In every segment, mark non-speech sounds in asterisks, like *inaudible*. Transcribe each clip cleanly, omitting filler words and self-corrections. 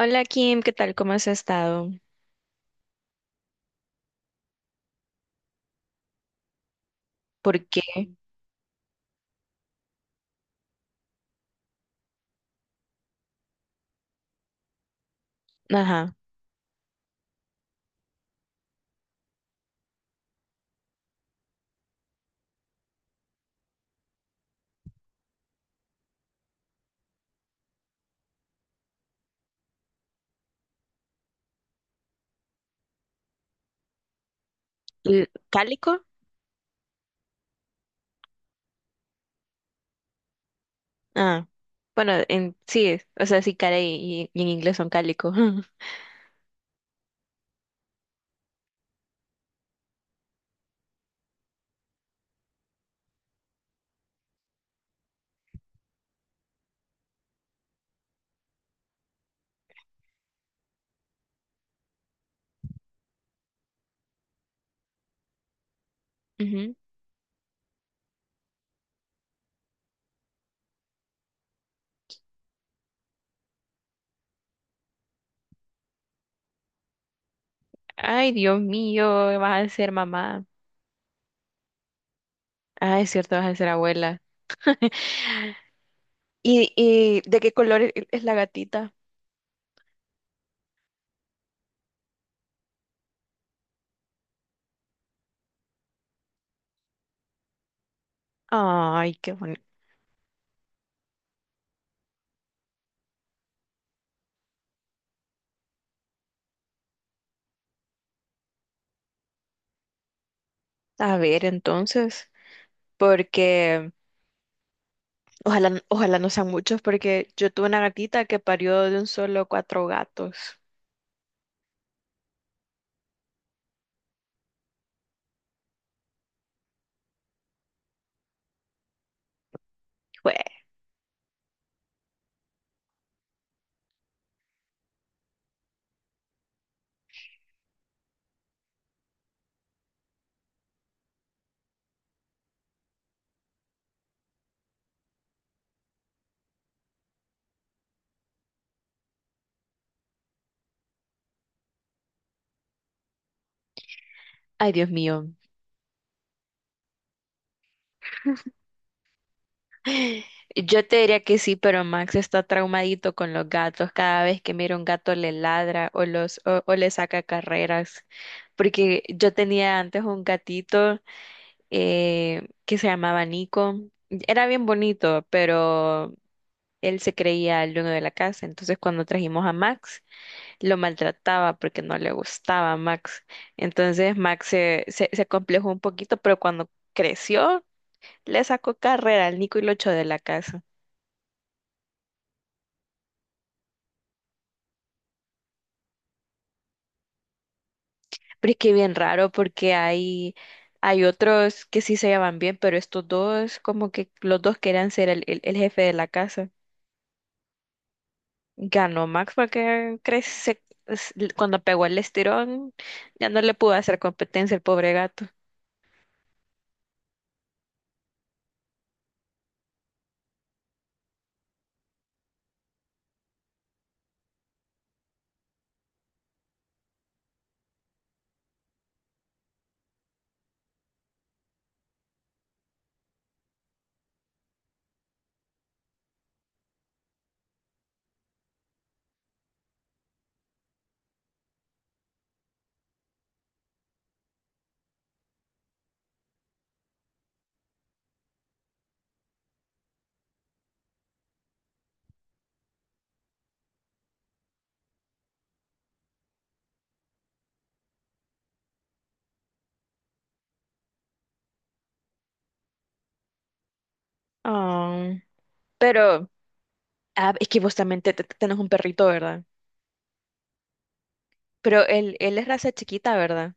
Hola Kim, ¿qué tal? ¿Cómo has estado? ¿Por qué? Ajá. ¿L- ¿Cálico? Ah, bueno, en, sí, o sea, sí, cara y en inglés son cálico. *laughs* Ujú. Ay, Dios mío, vas a ser mamá. Ay, es cierto, vas a ser abuela. *laughs* ¿Y, de qué color es la gatita? Ay, qué bonito. A ver, entonces, porque ojalá, ojalá no sean muchos, porque yo tuve una gatita que parió de un solo cuatro gatos. Jue- Ay, Dios mío. Yo te diría que sí, pero Max está traumadito con los gatos. Cada vez que mira un gato le ladra o le saca carreras. Porque yo tenía antes un gatito que se llamaba Nico. Era bien bonito, pero él se creía el dueño de la casa. Entonces cuando trajimos a Max, lo maltrataba porque no le gustaba a Max. Entonces Max se complejó un poquito, pero cuando creció, le sacó carrera al Nico y lo echó de la casa. Pero es que bien raro porque hay otros que sí se llevan bien, pero estos dos, como que los dos querían ser el jefe de la casa. Ganó Max porque cuando pegó el estirón, ya no le pudo hacer competencia el pobre gato. Ah, pero, ah, es que vos también tenés un perrito, ¿verdad? Pero él es raza chiquita, ¿verdad?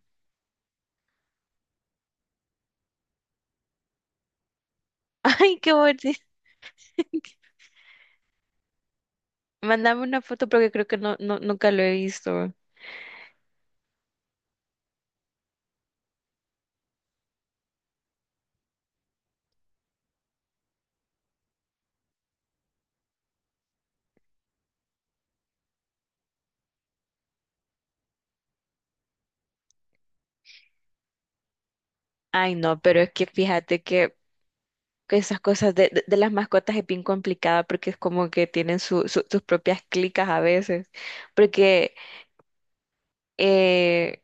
*laughs* Ay, qué bonito. *laughs* Mándame una foto porque creo que nunca lo he visto. Ay, no, pero es que fíjate que esas cosas de, de las mascotas es bien complicada porque es como que tienen sus propias clicas a veces. Porque eh,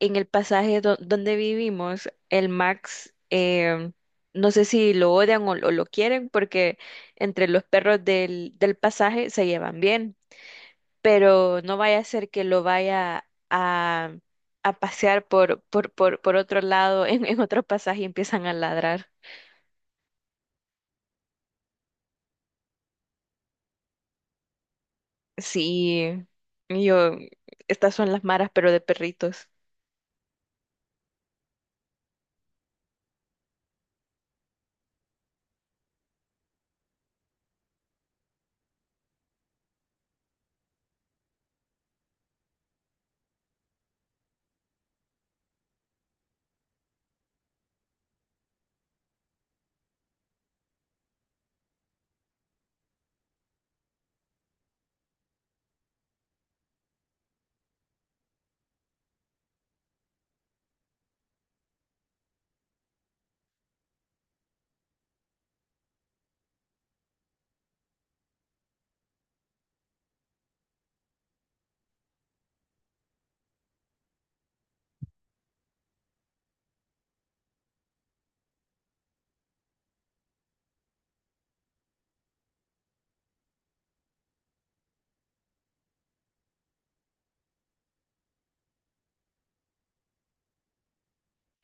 en el pasaje donde vivimos, el Max, no sé si lo odian o, lo quieren porque entre los perros del pasaje se llevan bien, pero no vaya a ser que lo vaya a pasear por otro lado, *laughs* en otro pasaje y empiezan a ladrar. Sí, y yo, estas son las maras, pero de perritos.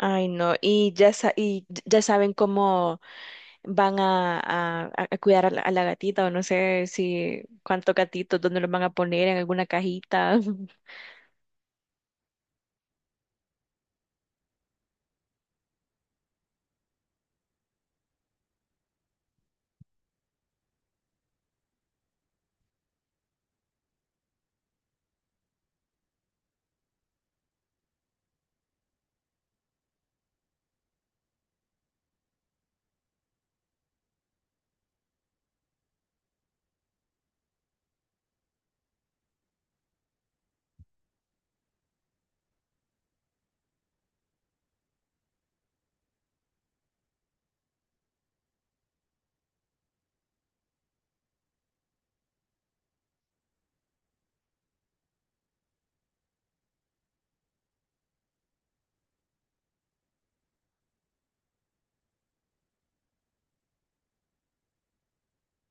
Ay, no, y ya, sa- y ya saben cómo van a, a cuidar a la gatita, o no sé si cuántos gatitos, dónde los van a poner, en alguna cajita. *laughs*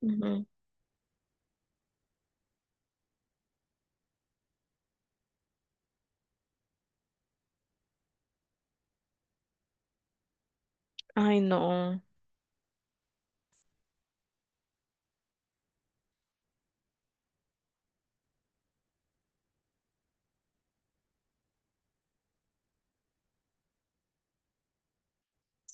Ujú. Ay, no.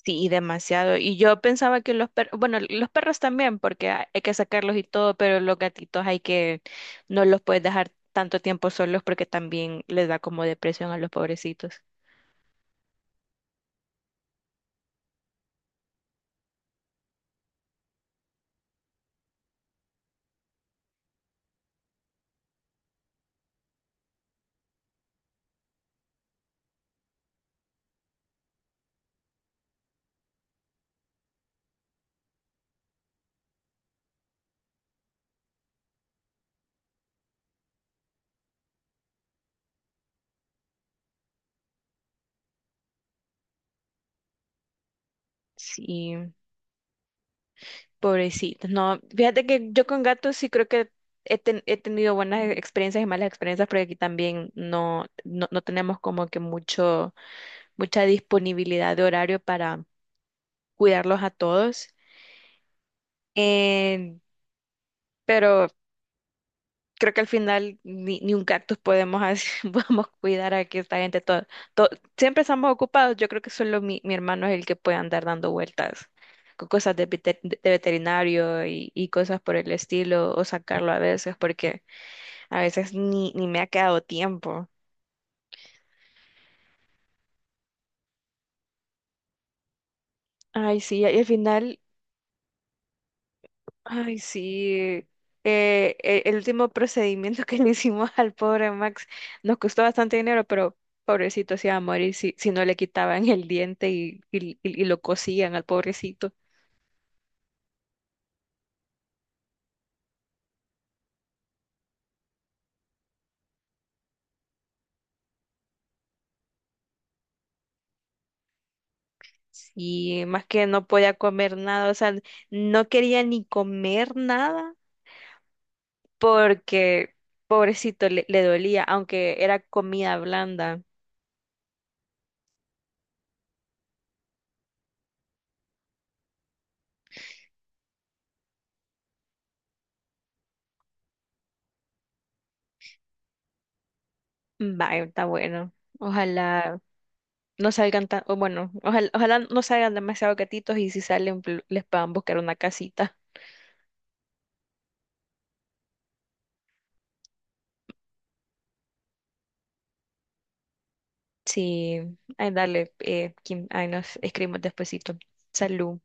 Sí, demasiado. Y yo pensaba que los perros, bueno, los perros también, porque hay que sacarlos y todo, pero los gatitos hay que, no los puedes dejar tanto tiempo solos porque también les da como depresión a los pobrecitos. Sí. Pobrecitos, no. Fíjate que yo con gatos sí creo que he tenido buenas experiencias y malas experiencias, porque aquí también no tenemos como que mucho, mucha disponibilidad de horario para cuidarlos a todos. Eh, pero creo que al final ni un cactus podemos, *laughs* podemos cuidar a que esta gente todo, todo- siempre estamos ocupados. Yo creo que solo mi hermano es el que puede andar dando vueltas con cosas de, de veterinario y cosas por el estilo, o sacarlo a veces, porque a veces ni me ha quedado tiempo. Ay, sí, y al final, ay, sí. E- el último procedimiento *laughs* que le hicimos al pobre Max nos costó bastante dinero, pero pobrecito se iba a morir si, si no le quitaban el diente y y- lo cosían al pobrecito. Sí, más que no podía comer nada, o sea, no quería ni comer nada porque pobrecito le dolía, aunque era comida blanda. Vaya, está bueno. Ojalá no salgan tan, o bueno, ojalá, ojalá no salgan demasiado gatitos y si salen les puedan buscar una casita. Sí, ay, dale, Kim, ay, nos escribimos despuesito. Salud.